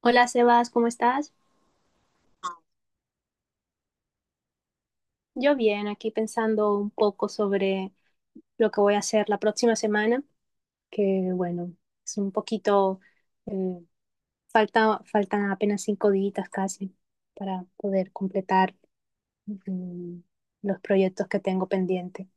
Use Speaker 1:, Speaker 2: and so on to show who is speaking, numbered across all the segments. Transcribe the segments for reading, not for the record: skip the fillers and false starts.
Speaker 1: Hola Sebas, ¿cómo estás? Yo bien, aquí pensando un poco sobre lo que voy a hacer la próxima semana, que bueno, es un poquito, eh, faltan apenas 5 días casi para poder completar mm, los proyectos que tengo pendiente.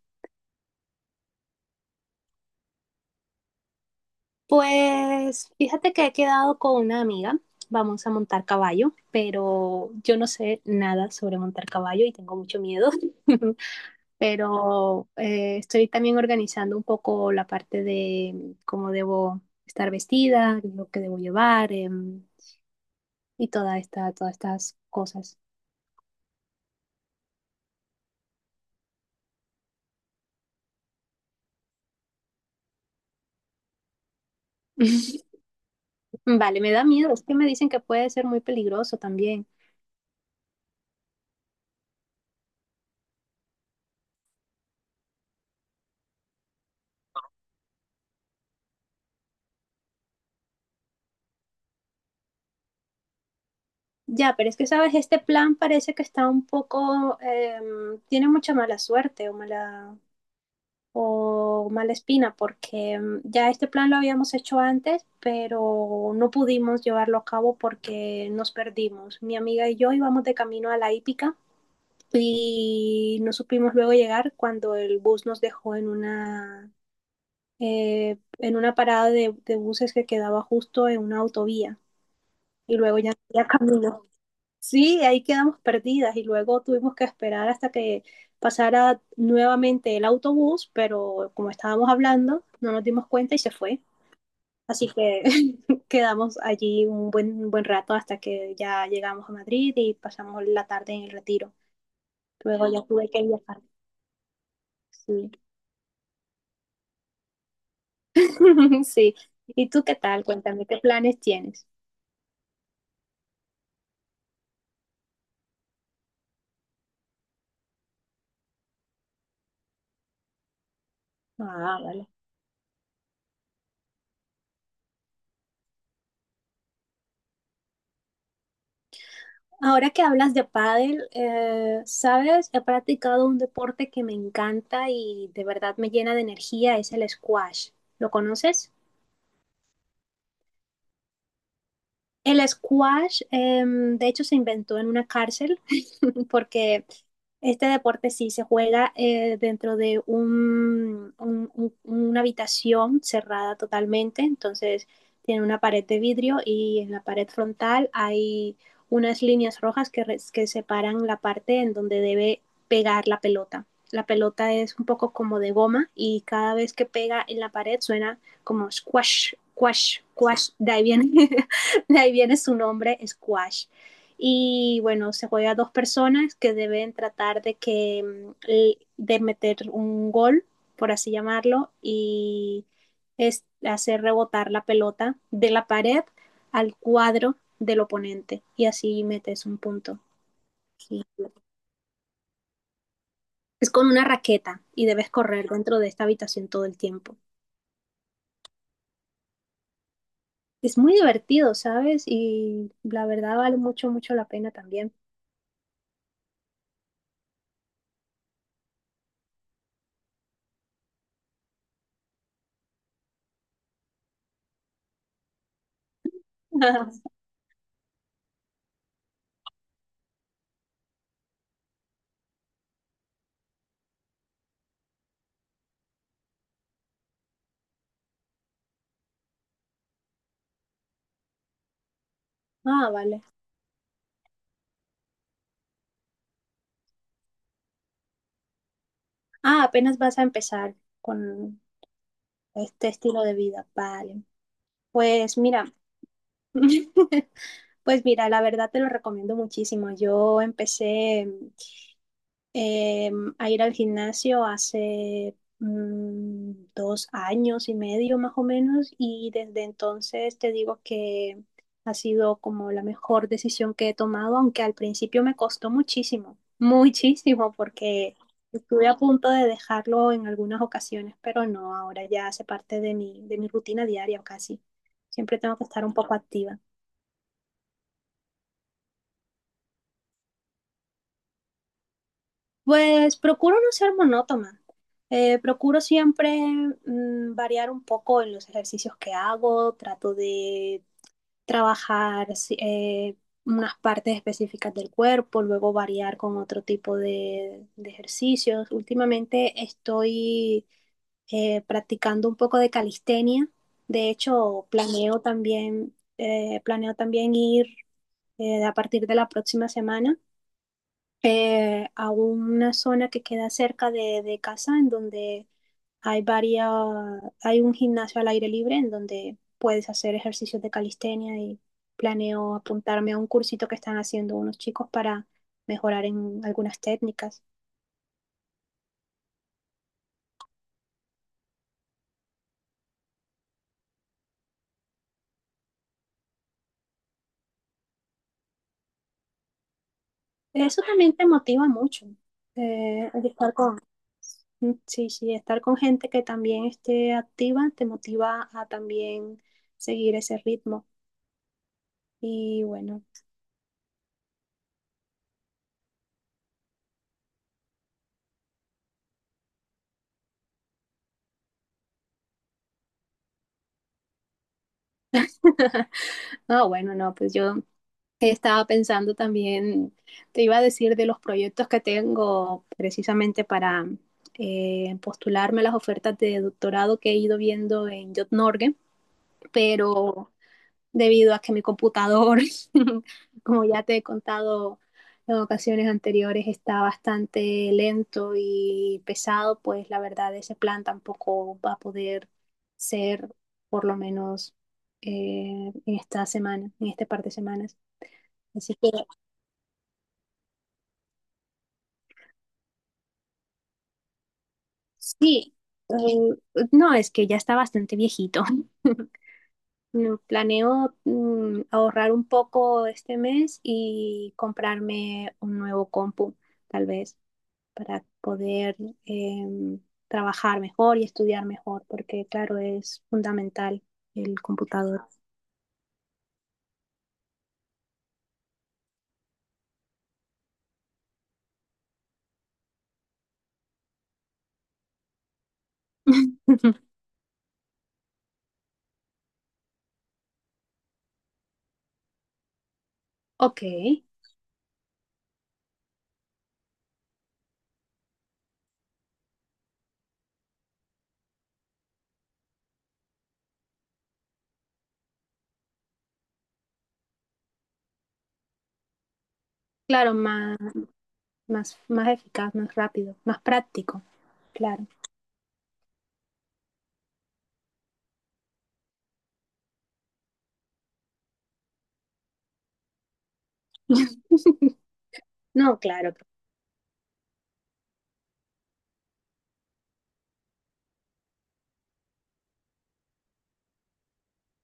Speaker 1: Pues fíjate que he quedado con una amiga, vamos a montar caballo, pero yo no sé nada sobre montar caballo y tengo mucho miedo. Pero estoy también organizando un poco la parte de cómo debo estar vestida, lo que debo llevar, y todas estas cosas. Vale, me da miedo, es que me dicen que puede ser muy peligroso también. Ya, pero es que, ¿sabes? Este plan parece que está un poco, tiene mucha mala suerte o o Malespina, porque ya este plan lo habíamos hecho antes, pero no pudimos llevarlo a cabo porque nos perdimos. Mi amiga y yo íbamos de camino a la hípica y no supimos luego llegar cuando el bus nos dejó en en una parada de buses que quedaba justo en una autovía y luego ya no había camino. Sí, ahí quedamos perdidas y luego tuvimos que esperar hasta que pasara nuevamente el autobús, pero como estábamos hablando, no nos dimos cuenta y se fue. Así que quedamos allí un un buen rato hasta que ya llegamos a Madrid y pasamos la tarde en el Retiro. Luego ya tuve que viajar. Sí. Sí. ¿Y tú qué tal? Cuéntame, ¿qué planes tienes? Ah, vale. Ahora que hablas de pádel, sabes, he practicado un deporte que me encanta y de verdad me llena de energía, es el squash. ¿Lo conoces? El squash, de hecho, se inventó en una cárcel porque este deporte sí se juega dentro de una habitación cerrada totalmente, entonces tiene una pared de vidrio y en la pared frontal hay unas líneas rojas que, que separan la parte en donde debe pegar la pelota. La pelota es un poco como de goma y cada vez que pega en la pared suena como squash, squash, squash. De ahí viene, de ahí viene su nombre, squash y bueno, se juega a dos personas que deben tratar de que de meter un gol, por así llamarlo, y es hacer rebotar la pelota de la pared al cuadro del oponente y así metes un punto. Sí. Es con una raqueta y debes correr dentro de esta habitación todo el tiempo. Es muy divertido, ¿sabes? Y la verdad vale mucho, mucho la pena también. Ah, vale. Ah, apenas vas a empezar con, este estilo de vida, vale. Pues mira, pues mira, la verdad te lo recomiendo muchísimo. Yo empecé eh, a ir al gimnasio hace 2 años y medio más o menos y desde entonces te digo que ha sido como la mejor decisión que he tomado, aunque al principio me costó muchísimo, muchísimo, porque estuve a punto de dejarlo en algunas ocasiones, pero no, ahora ya hace parte de de mi rutina diaria casi. Siempre tengo que estar un poco activa. Pues procuro no ser monótona. Procuro siempre variar un poco en los ejercicios que hago. Trato de trabajar unas partes específicas del cuerpo, luego variar con otro tipo de ejercicios. Últimamente estoy practicando un poco de calistenia. De hecho, planeo también ir a partir de la próxima semana a una zona que queda cerca de casa en donde hay varias, hay un gimnasio al aire libre en donde puedes hacer ejercicios de calistenia y planeo apuntarme a un cursito que están haciendo unos chicos para mejorar en algunas técnicas. Eso también te motiva mucho, el estar con, sí, sí, estar con gente que también esté activa te motiva a también seguir ese ritmo. Y bueno, no, bueno, no, pues yo estaba pensando también, te iba a decir de los proyectos que tengo precisamente para postularme a las ofertas de doctorado que he ido viendo en JotNorge, pero debido a que mi computador, como ya te he contado en ocasiones anteriores, está bastante lento y pesado, pues la verdad ese plan tampoco va a poder ser por lo menos en esta semana, en este par de semanas. Así que sí, eh, no, es que ya está bastante viejito. No, planeo ahorrar un poco este mes y comprarme un nuevo compu, tal vez, para poder em, trabajar mejor y estudiar mejor, porque claro, es fundamental el computador. Ok, claro, más eficaz, más rápido, más práctico, claro. No, claro,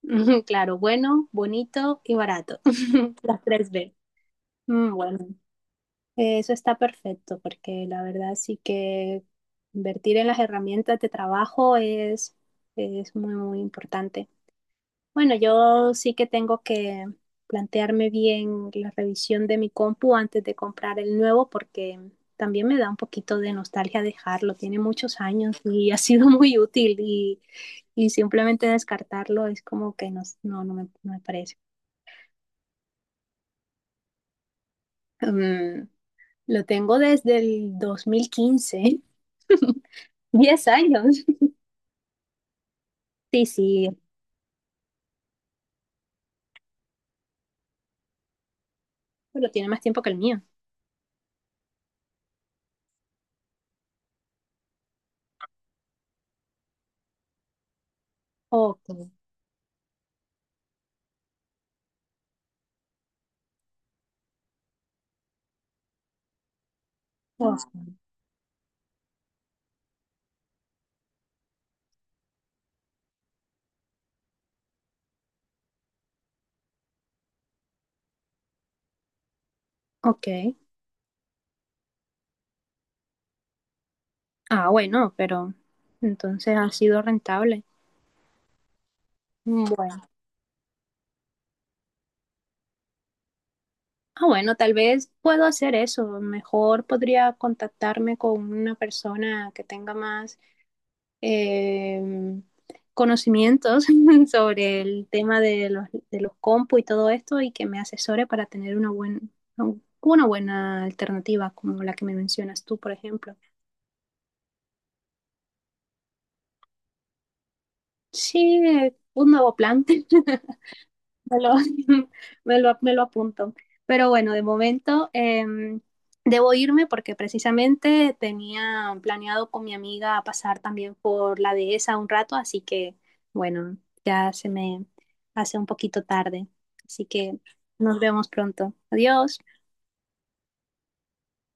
Speaker 1: claro, bueno, bonito y barato. Las tres B. Mm, bueno, eso está perfecto porque la verdad sí que invertir en las herramientas de trabajo es muy, muy importante. Bueno, yo sí que tengo que plantearme bien la revisión de mi compu antes de comprar el nuevo porque también me da un poquito de nostalgia dejarlo. Tiene muchos años y ha sido muy útil y simplemente descartarlo es como que no, no, no me parece. Mm, lo tengo desde el 2015 10 años. Sí, sí, pero tiene más tiempo que el mío. Ok, ok, ok. Ah, bueno, pero entonces ha sido rentable. Bueno. Ah, bueno, tal vez puedo hacer eso. Mejor podría contactarme con una persona que tenga más eh, conocimientos sobre el tema de de los compu y todo esto y que me asesore para tener una buena alternativa como la que me mencionas tú, por ejemplo. Sí, un nuevo plan. Me lo, me lo apunto. Pero bueno, de momento debo irme porque precisamente tenía planeado con mi amiga pasar también por la dehesa un rato, así que bueno, ya se me hace un poquito tarde. Así que nos vemos pronto. Adiós.